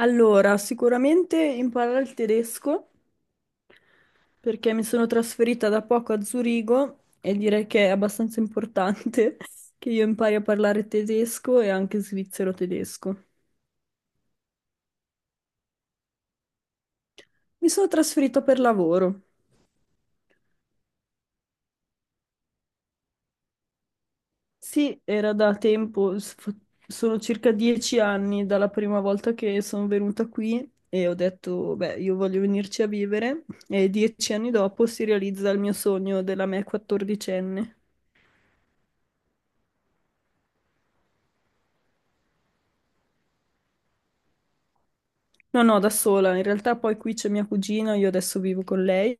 Allora, sicuramente imparare il tedesco perché mi sono trasferita da poco a Zurigo e direi che è abbastanza importante che io impari a parlare tedesco e anche svizzero tedesco. Mi sono trasferita per lavoro. Sì, era da tempo, sono circa 10 anni dalla prima volta che sono venuta qui e ho detto, beh, io voglio venirci a vivere e 10 anni dopo si realizza il mio sogno della me quattordicenne. No, no, da sola. In realtà poi qui c'è mia cugina, io adesso vivo con lei,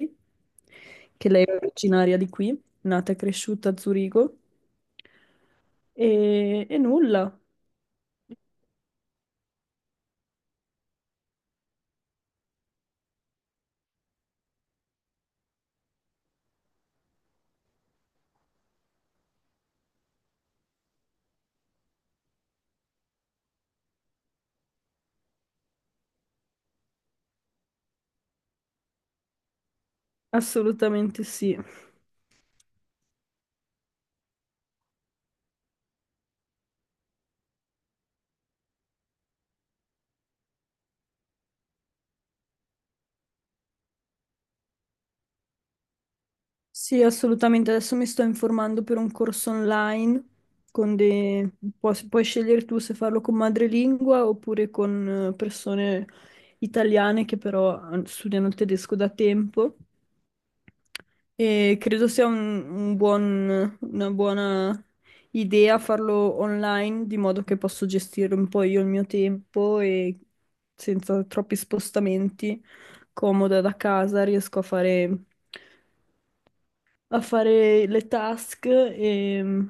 che lei è originaria di qui, nata e cresciuta a Zurigo. E nulla, assolutamente sì. Sì, assolutamente. Adesso mi sto informando per un corso online con dei... puoi scegliere tu se farlo con madrelingua oppure con persone italiane che però studiano il tedesco da tempo. E credo sia una buona idea farlo online, di modo che posso gestire un po' io il mio tempo e senza troppi spostamenti, comoda da casa, riesco a fare le task e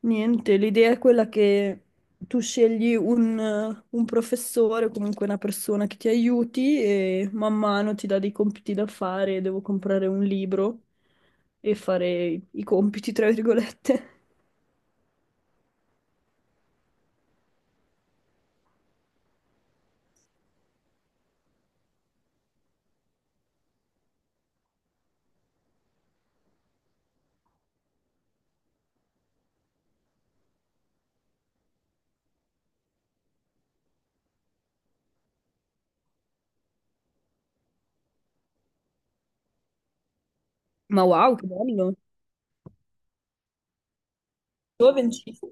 niente, l'idea è quella che tu scegli un professore, comunque una persona che ti aiuti e man mano ti dà dei compiti da fare, devo comprare un libro e fare i compiti, tra virgolette. Ma wow, che bello! Tu hai vincito.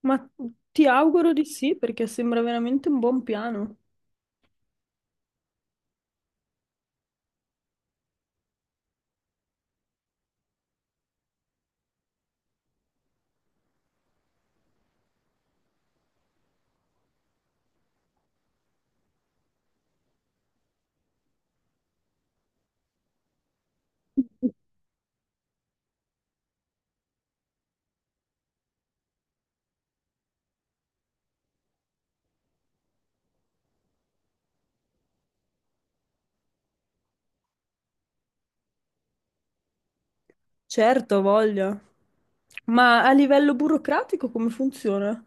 Ma ti auguro di sì, perché sembra veramente un buon piano. Certo, ha voglia. Ma a livello burocratico come funziona?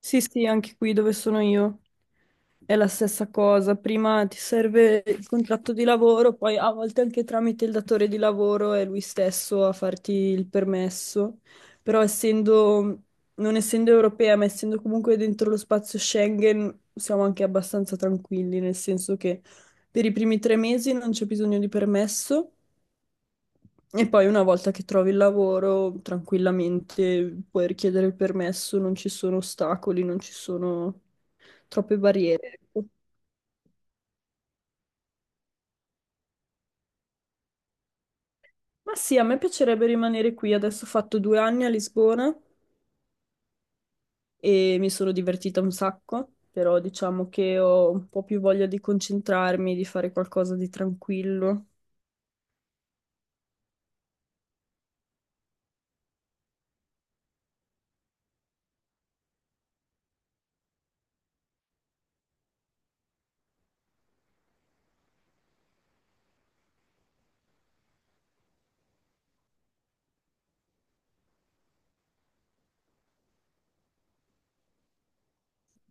Sì, sì, anche qui dove sono io è la stessa cosa. Prima ti serve il contratto di lavoro, poi a volte anche tramite il datore di lavoro è lui stesso a farti il permesso. Però essendo, non essendo europea, ma essendo comunque dentro lo spazio Schengen, siamo anche abbastanza tranquilli, nel senso che per i primi 3 mesi non c'è bisogno di permesso. E poi una volta che trovi il lavoro, tranquillamente puoi richiedere il permesso, non ci sono ostacoli, non ci sono troppe barriere, ecco. Ma sì, a me piacerebbe rimanere qui. Adesso ho fatto 2 anni a Lisbona e mi sono divertita un sacco, però diciamo che ho un po' più voglia di concentrarmi, di fare qualcosa di tranquillo.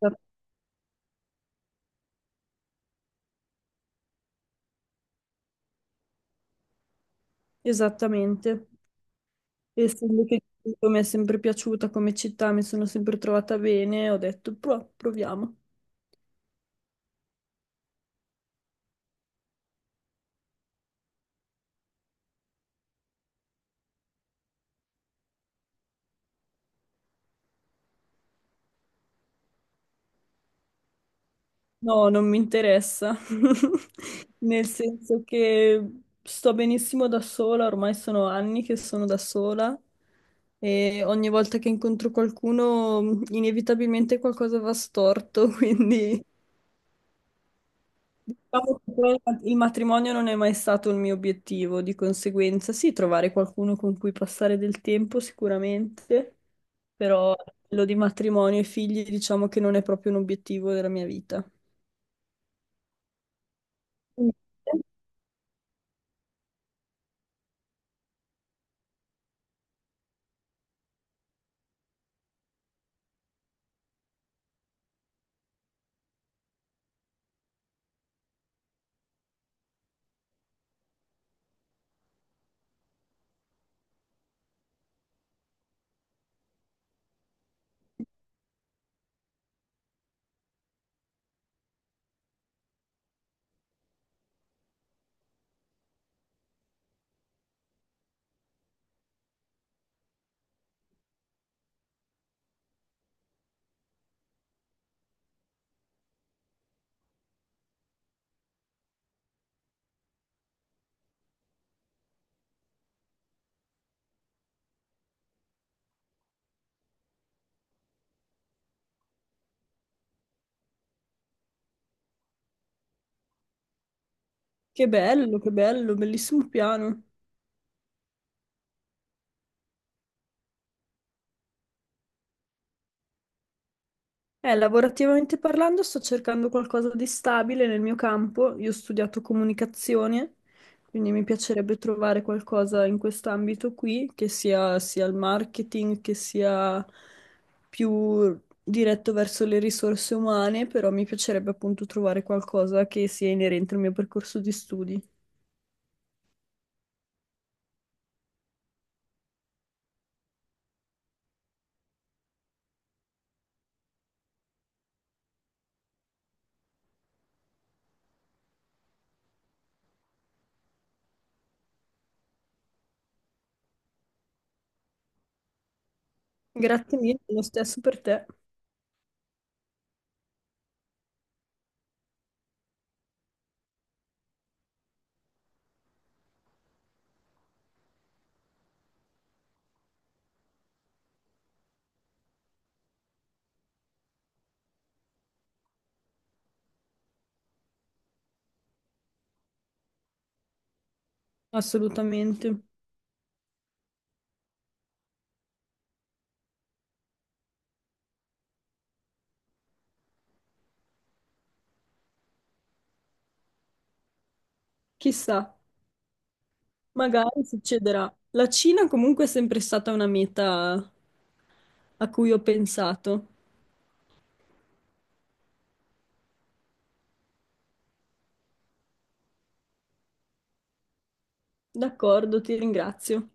Esat- Esattamente. Essendo che mi è sempre piaciuta come città, mi sono sempre trovata bene, ho detto: Proviamo". No, non mi interessa, nel senso che sto benissimo da sola, ormai sono anni che sono da sola e ogni volta che incontro qualcuno, inevitabilmente qualcosa va storto, quindi diciamo che poi il matrimonio non è mai stato il mio obiettivo, di conseguenza sì, trovare qualcuno con cui passare del tempo sicuramente, però quello di matrimonio e figli diciamo che non è proprio un obiettivo della mia vita. Che bello, bellissimo piano. Lavorativamente parlando, sto cercando qualcosa di stabile nel mio campo. Io ho studiato comunicazione, quindi mi piacerebbe trovare qualcosa in quest'ambito qui, che sia, sia il marketing, che sia più diretto verso le risorse umane, però mi piacerebbe appunto trovare qualcosa che sia inerente al mio percorso di studi. Grazie mille, lo stesso per te, assolutamente. Chissà. Magari succederà. La Cina comunque è sempre stata una meta a cui ho pensato. D'accordo, ti ringrazio.